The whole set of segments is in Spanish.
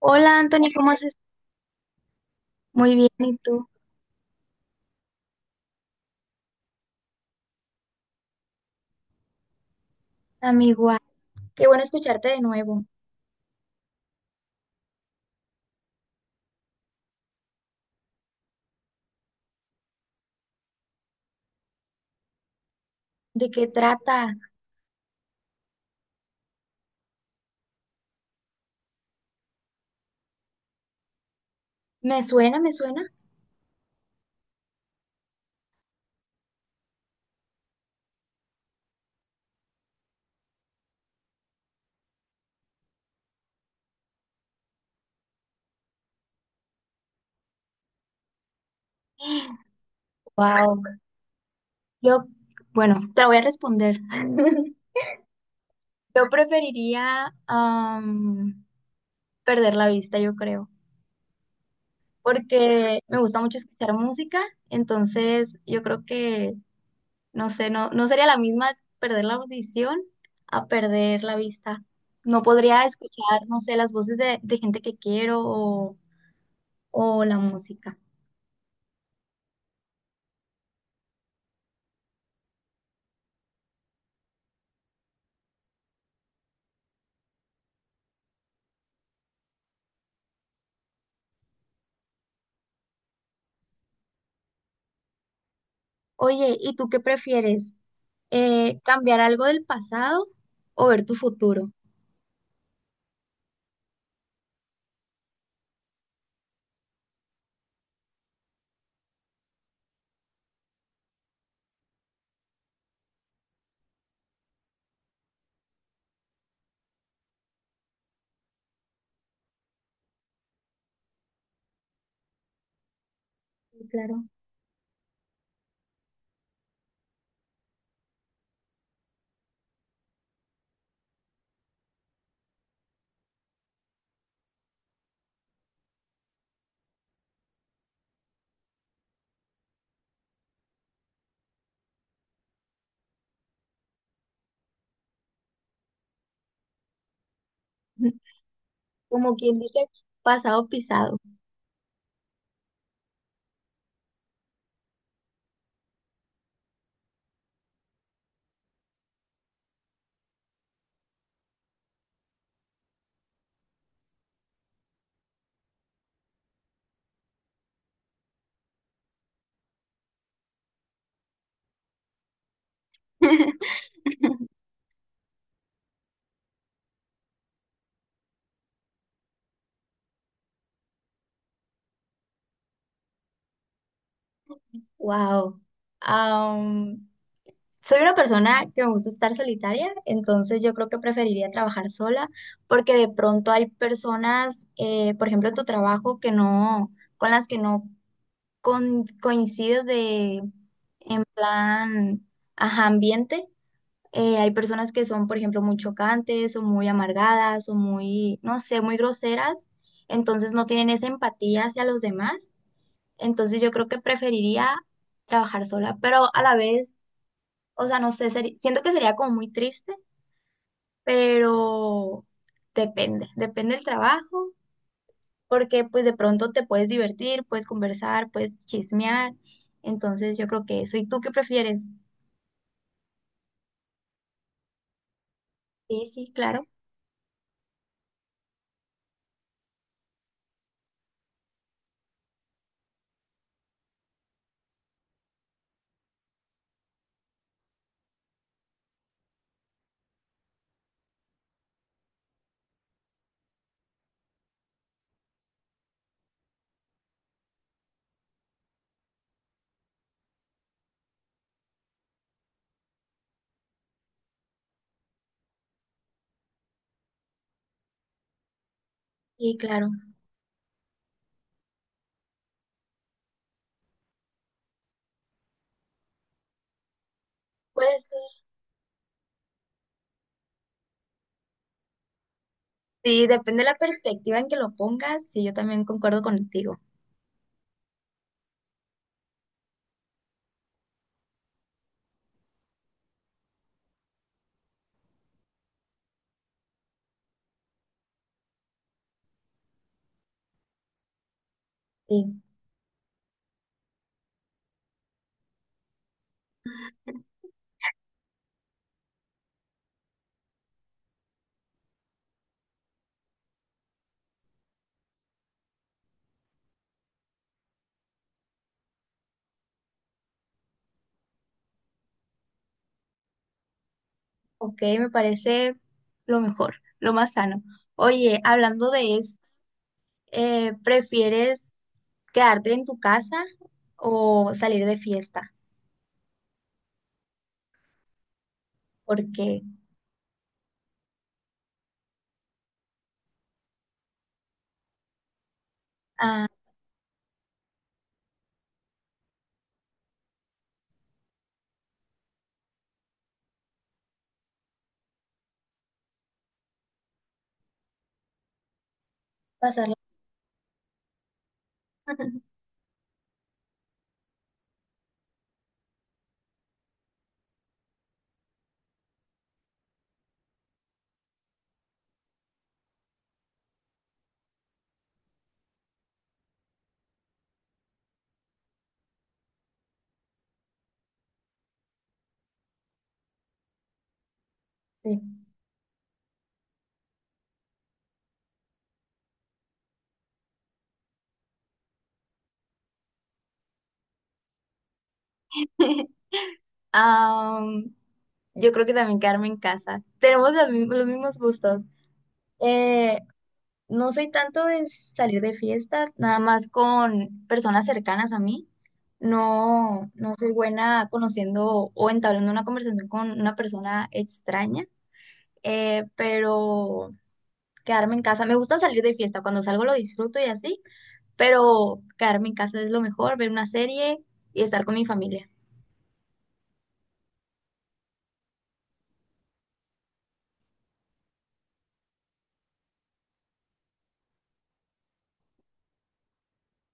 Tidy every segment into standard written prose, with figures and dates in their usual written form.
Hola, Anthony, ¿cómo estás? Muy bien, ¿y tú? Amigo, igual. Qué bueno escucharte de nuevo. ¿De qué trata? ¿Me suena? ¿Me suena? Wow. Yo, bueno, te la voy a responder. Yo preferiría perder la vista, yo creo, porque me gusta mucho escuchar música, entonces yo creo que, no sé, no sería la misma perder la audición a perder la vista. No podría escuchar, no sé, las voces de gente que quiero o la música. Oye, ¿y tú qué prefieres? ¿Cambiar algo del pasado o ver tu futuro? Sí, claro. Como quien dice, pasado pisado. Wow. Am, Soy una persona que me gusta estar solitaria, entonces yo creo que preferiría trabajar sola, porque de pronto hay personas, por ejemplo, en tu trabajo que no, con las que no coincides de, en plan, ajá, ambiente. Hay personas que son, por ejemplo, muy chocantes o muy amargadas o muy, no sé, muy groseras, entonces no tienen esa empatía hacia los demás. Entonces yo creo que preferiría trabajar sola, pero a la vez, o sea, no sé, siento que sería como muy triste, pero depende del trabajo, porque pues de pronto te puedes divertir, puedes conversar, puedes chismear. Entonces yo creo que eso. ¿Y tú qué prefieres? Sí, sí, claro. Sí, claro. Pues. Sí, depende de la perspectiva en que lo pongas. Sí, yo también concuerdo contigo. Sí, ok, me parece lo mejor, lo más sano. Oye, hablando de eso, ¿prefieres quedarte en tu casa o salir de fiesta? Porque ah, pasarla. Sí. Am, yo creo que también quedarme en casa. Tenemos los mismos gustos. Eh, No soy tanto de salir de fiestas, nada más con personas cercanas a mí. No soy buena conociendo o entablando una conversación con una persona extraña, pero quedarme en casa. Me gusta salir de fiesta, cuando salgo lo disfruto y así, pero quedarme en casa es lo mejor, ver una serie y estar con mi familia.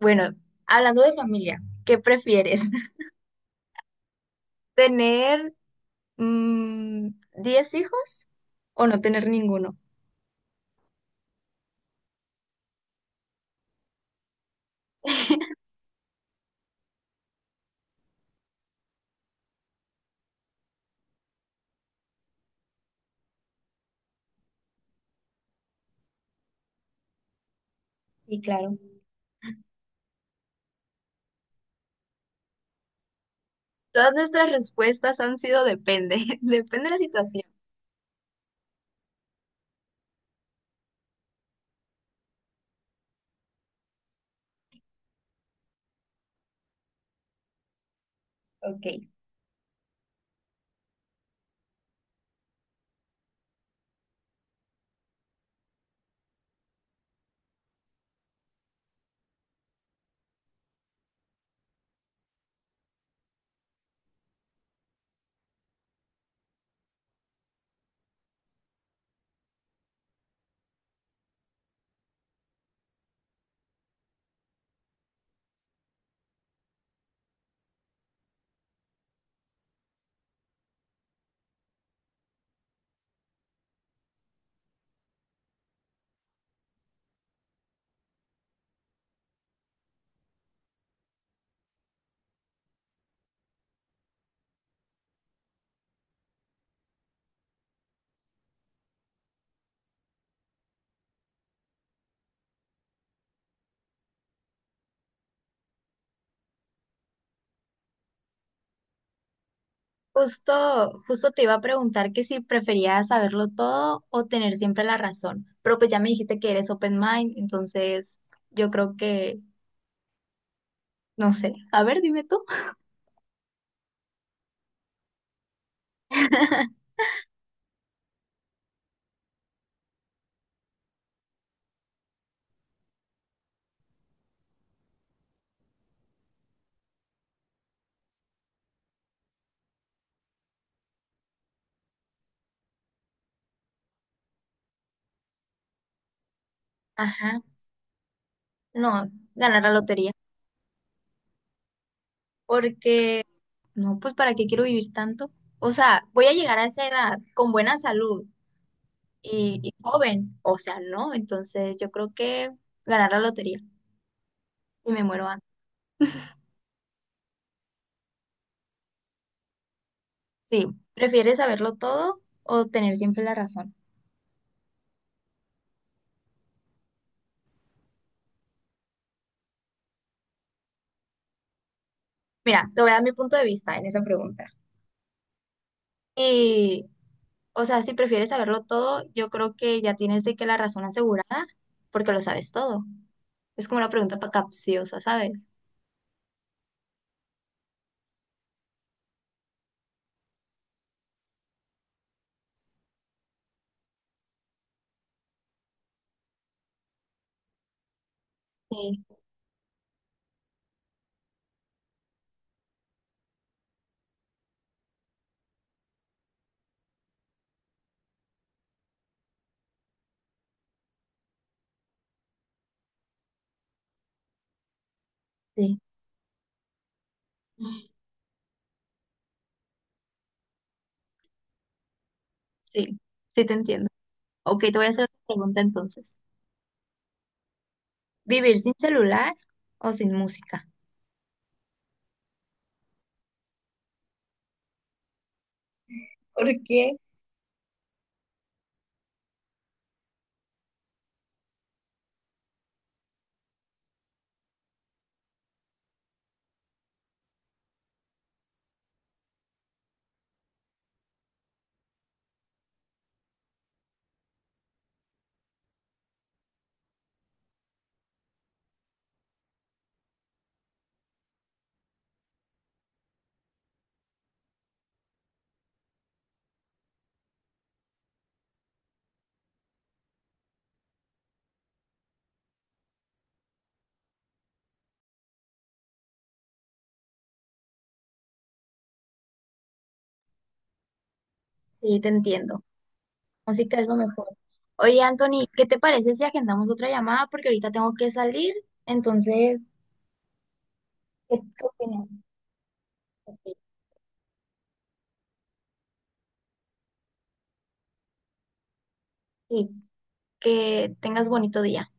Bueno, hablando de familia, ¿qué prefieres? ¿Tener mm, 10 hijos o no tener ninguno? Sí, claro. Todas nuestras respuestas han sido depende, depende de la situación. Ok. Justo te iba a preguntar que si preferías saberlo todo o tener siempre la razón, pero pues ya me dijiste que eres open mind, entonces yo creo que, no sé, a ver, dime tú. Ajá, no, ganar la lotería, porque no, pues ¿para qué quiero vivir tanto? O sea, voy a llegar a esa edad con buena salud y joven, o sea, no, entonces yo creo que ganar la lotería y me muero antes. Sí, ¿prefieres saberlo todo o tener siempre la razón? Mira, te voy a dar mi punto de vista en esa pregunta. Y, o sea, si prefieres saberlo todo, yo creo que ya tienes de que la razón asegurada, porque lo sabes todo. Es como una pregunta capciosa, ¿sabes? Sí, sí, sí, sí te entiendo. Ok, te voy a hacer otra pregunta entonces. ¿Vivir sin celular o sin música? ¿Por qué? Sí, te entiendo. Música es lo mejor. Oye, Anthony, ¿qué te parece si agendamos otra llamada? Porque ahorita tengo que salir. Entonces, qué opinas? Ok. Sí, que tengas bonito día.